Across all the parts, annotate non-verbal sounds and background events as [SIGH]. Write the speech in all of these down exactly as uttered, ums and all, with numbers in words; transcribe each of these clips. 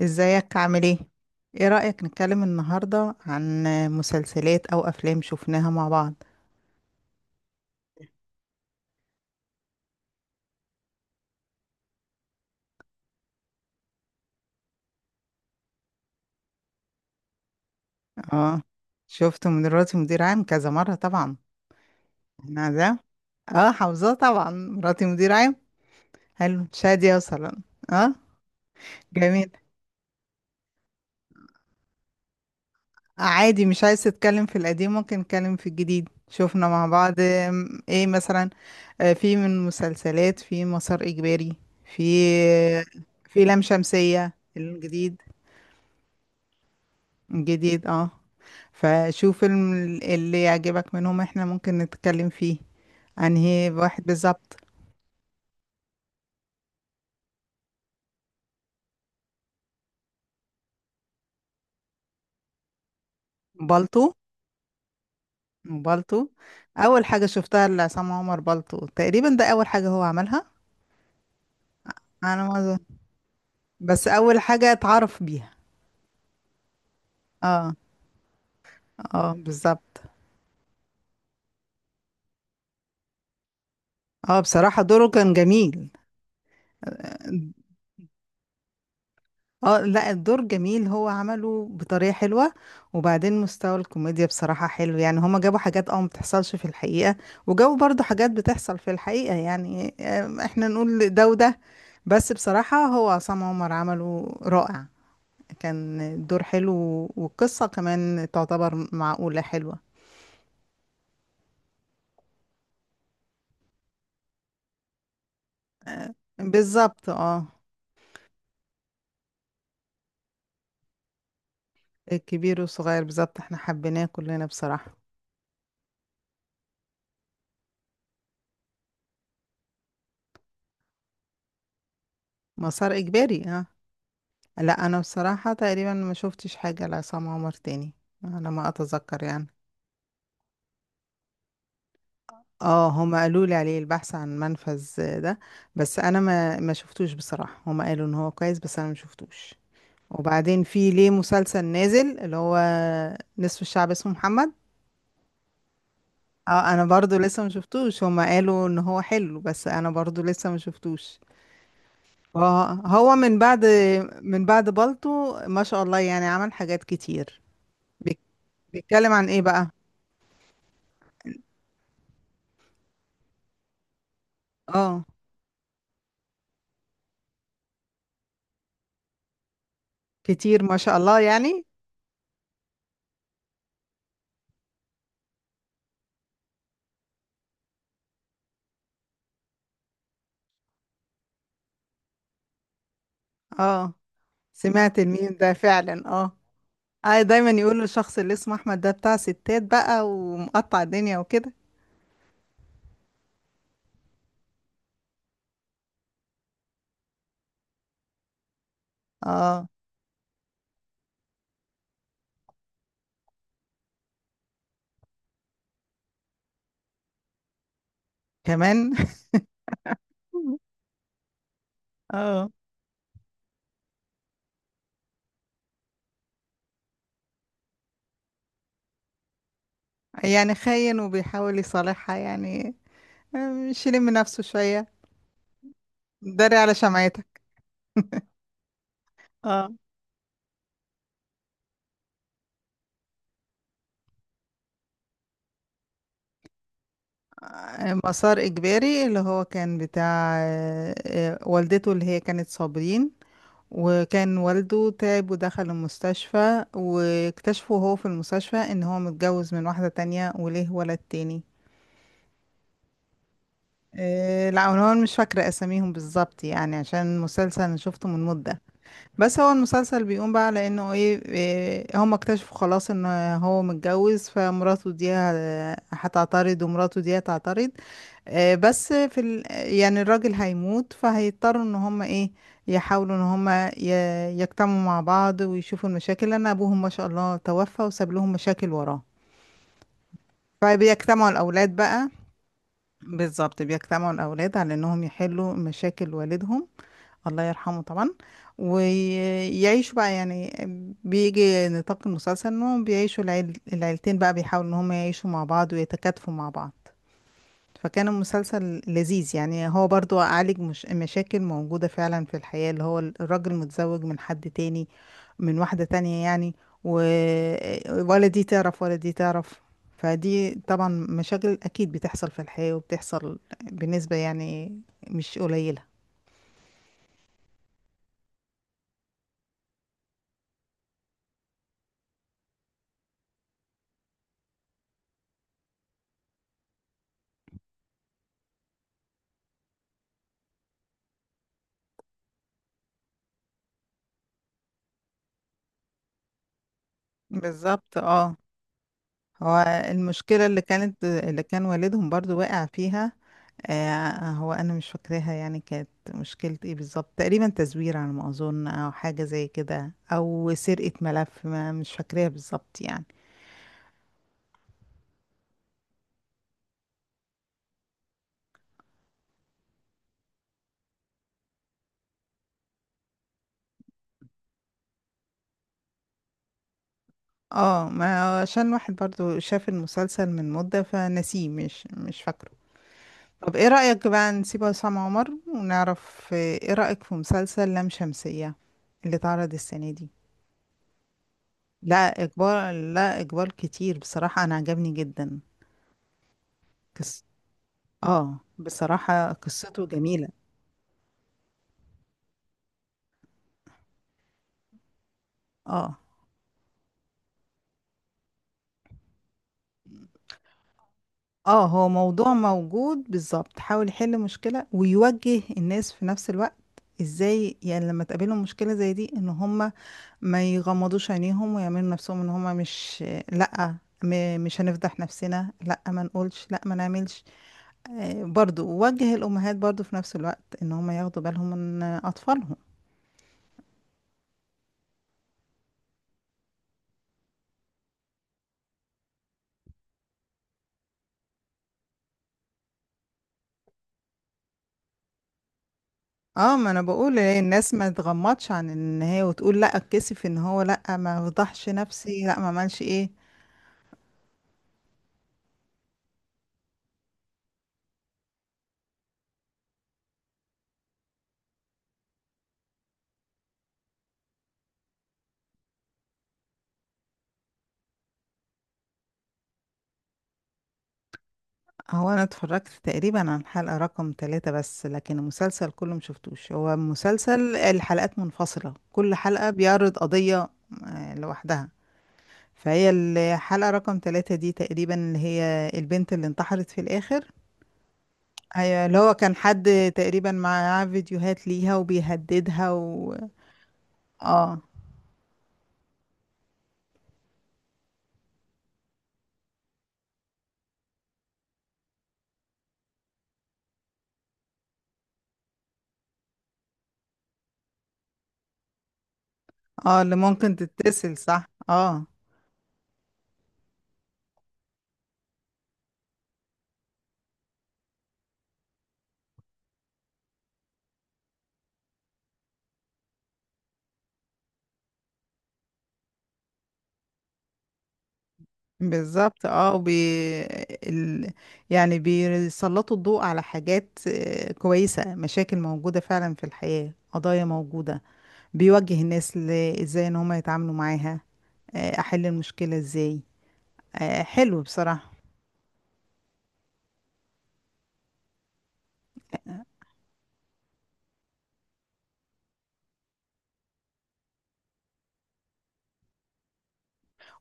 ازيك عامل ايه؟ ايه رأيك نتكلم النهاردة عن مسلسلات او افلام شفناها مع بعض؟ اه، شفت من مراتي مدير عام كذا مرة طبعا. احنا ده... اه، حافظاه طبعا مراتي مدير عام. حلو، شادية مثلا. اه جميل. عادي، مش عايز تتكلم في القديم؟ ممكن نتكلم في الجديد. شفنا مع بعض آم، ايه مثلا؟ آه، في من مسلسلات، في مسار اجباري، في... في لام شمسية الجديد. الجديد اه. فشوف الم- اللي يعجبك منهم، احنا ممكن نتكلم فيه. انهي واحد بالظبط؟ بالطو. بالطو. اول حاجة شفتها لعصام عمر بالطو، تقريبا ده اول حاجة هو عملها. انا ما أظن- بس اول حاجة اتعرف بيها. اه. اه بالظبط. اه بصراحة دوره كان جميل. اه لا، الدور جميل، هو عمله بطريقة حلوة. وبعدين مستوى الكوميديا بصراحة حلو، يعني هما جابوا حاجات اه ما بتحصلش في الحقيقة، وجابوا برضو حاجات بتحصل في الحقيقة، يعني آم، احنا نقول ده وده. بس بصراحة هو عصام عمر عمله رائع. كان الدور حلو، والقصة كمان تعتبر معقولة حلوة. بالظبط اه. الكبير والصغير بالظبط، احنا حبيناه كلنا بصراحة. مسار إجباري اه. لا انا بصراحة تقريبا ما شفتش حاجة لعصام عمر تاني، على ما اتذكر يعني. اه هما قالوا لي عليه البحث عن منفذ. ده بس انا ما ما شفتوش بصراحة، هما قالوا ان هو كويس بس انا ما شفتوش. وبعدين في ليه مسلسل نازل اللي هو نصف الشعب اسمه محمد. اه انا برضو لسه ما شفتوش، هما قالوا ان هو حلو بس انا برضو لسه ما شفتوش. اه هو من بعد... من بعد بالطو ما شاء الله يعني عمل حاجات كتير. بيك- بيتكلم عن ايه بقى؟ اه كتير ما شاء الله يعني. اه سمعت الميم ده فعلا اه. آه دايما يقولوا الشخص اللي اسمه احمد ده بتاع ستات بقى ومقطع الدنيا وكده. اه كمان. [LAUGHS] اه. يعني خاين وبيحاول يصالحها يعني؟ مش يلم نفسه شوية؟ داري على شمعتك. اه. مسار إجباري اللي هو كان بتاع آه، آه، والدته، اللي هي كانت صابرين، وكان والده تعب ودخل المستشفى، واكتشفوا وهو في المستشفى ان هو متجوز من واحدة تانية وليه ولد تاني. آه، لا انا مش فاكرة اساميهم بالظبط يعني، عشان مسلسل انا شفته من مدة. بس هو المسلسل بيقوم بقى على انه ايه، إيه، هم اكتشفوا خلاص ان هو متجوز، فمراته دي ه- هتعترض ومراته دي هتعترض. آه، بس في ال... يعني الراجل هيموت، فهيضطروا ان هم ايه يحاولوا ان هم ي... يجتمعوا مع بعض ويشوفوا المشاكل، لان ابوهم ما شاء الله توفى وساب لهم مشاكل وراه. فبيجتمعوا الاولاد بقى. بالظبط بيجتمعوا الاولاد على انهم يحلوا مشاكل والدهم، الله يرحمه طبعا، ويعيشوا بقى يعني. بيجي نطاق المسلسل انهم بيعيشوا العيل العيلتين بقى، بيحاولوا ان هم يعيشوا مع بعض ويتكاتفوا مع بعض. فكان المسلسل لذيذ، يعني هو برضو عالج مش مشاكل موجودة فعلا في الحياة، اللي هو الراجل متزوج من حد تاني، من واحدة تانية يعني. و... ولا دي تعرف ولا دي تعرف. فدي طبعا مشاكل أكيد بتحصل في الحياة، وبتحصل بنسبة يعني مش قليلة. بالظبط اه. هو المشكلة اللي كانت اللي كان والدهم برضو واقع فيها، آه هو أنا مش فاكراها يعني، كانت مشكلة ايه بالظبط؟ تقريبا تزوير على ما أظن، أو حاجة زي كده، أو سرقة ملف ما، مش فاكراها بالظبط يعني. اه ما عشان واحد برضو شاف المسلسل من مدة فنسيه، مش مش فاكره. طب ايه رأيك بقى نسيب عصام عمر، ونعرف آه، ايه رأيك في مسلسل لام شمسية اللي اتعرض السنة دي؟ لا إقبال لا إقبال كتير بصراحة، أنا عجبني جدا. قص... اه بصراحة قصته جميلة. اه. اه هو موضوع موجود، بالظبط حاول يحل مشكلة ويوجه الناس في نفس الوقت. ازاي يعني لما تقابلهم مشكلة زي دي ان هم ما يغمضوش عينيهم ويعملوا نفسهم ان هم مش... لا، م- مش هنفضح نفسنا، لا ما نقولش، لا ما نعملش. آه، برضو وجه الامهات برضو في نفس الوقت ان هم ياخدوا بالهم من اطفالهم. اه ما انا بقول إيه، الناس ما تغمضش عن ان هي وتقول لا اتكسف ان هو، لا ما فضحش نفسي، لا ما عملش ايه. هو انا اتفرجت تقريبا عن حلقة رقم ثلاثة، بس لكن المسلسل كله مشفتوش، هو مسلسل الحلقات منفصلة، كل حلقة بيعرض قضية آه، لوحدها. فهي الحلقة رقم ثلاثة دي تقريبا اللي هي البنت اللي انتحرت في الآخر. أيوة، اللي هو كان حد تقريبا معاه فيديوهات ليها وبيهددها و... اه. اه اللي ممكن تتصل، صح اه. بالظبط اه بي ال... يعني بيسلطوا الضوء على حاجات آه، كويسة، مشاكل موجودة فعلا في الحياة، قضايا موجودة. بيوجه الناس ل... ازاي ان هم يتعاملوا معاها، آه، احل المشكلة ازاي. آه، حلو بصراحة.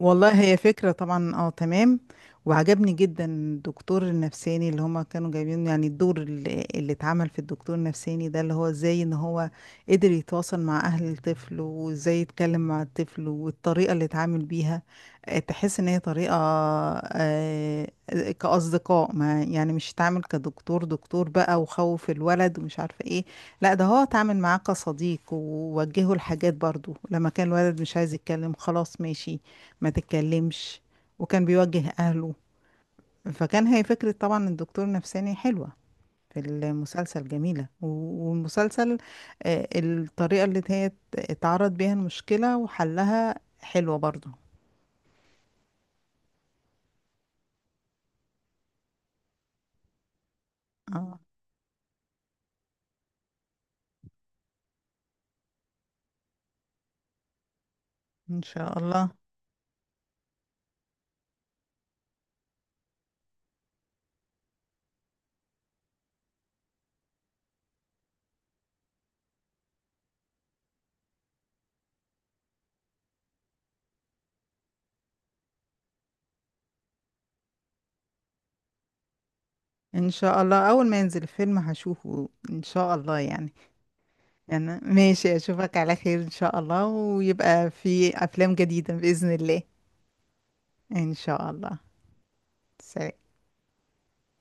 والله هي فكرة طبعا اه تمام. وعجبني جدا الدكتور النفساني اللي هما كانوا جايبين، يعني الدور اللي, اللي اتعمل في الدكتور النفساني ده، اللي هو ازاي ان هو قدر يتواصل مع اهل الطفل، وازاي يتكلم مع الطفل، والطريقة اللي اتعامل بيها، آه، تحس ان هي طريقة آه، كأصدقاء ما يعني، مش اتعامل كدكتور دكتور بقى وخوف الولد ومش عارفة ايه. لا ده هو اتعامل معاه كصديق، ووجهه الحاجات برضو لما كان الولد مش عايز يتكلم خلاص ماشي ما تتكلمش، وكان بيوجه أهله. فكان هي فكرة طبعا الدكتور نفساني حلوة في المسلسل، جميلة و- والمسلسل، آه، الطريقة اللي هي ات- اتعرض بيها المشكلة وحلها حلوة برضو. اه ان شاء الله. ان شاء الله اول ما ينزل الفيلم هشوفه ان شاء الله يعني. يعني ماشي، اشوفك على خير ان شاء الله ويبقى في افلام جديدة بإذن الله. ان شاء الله. سلام.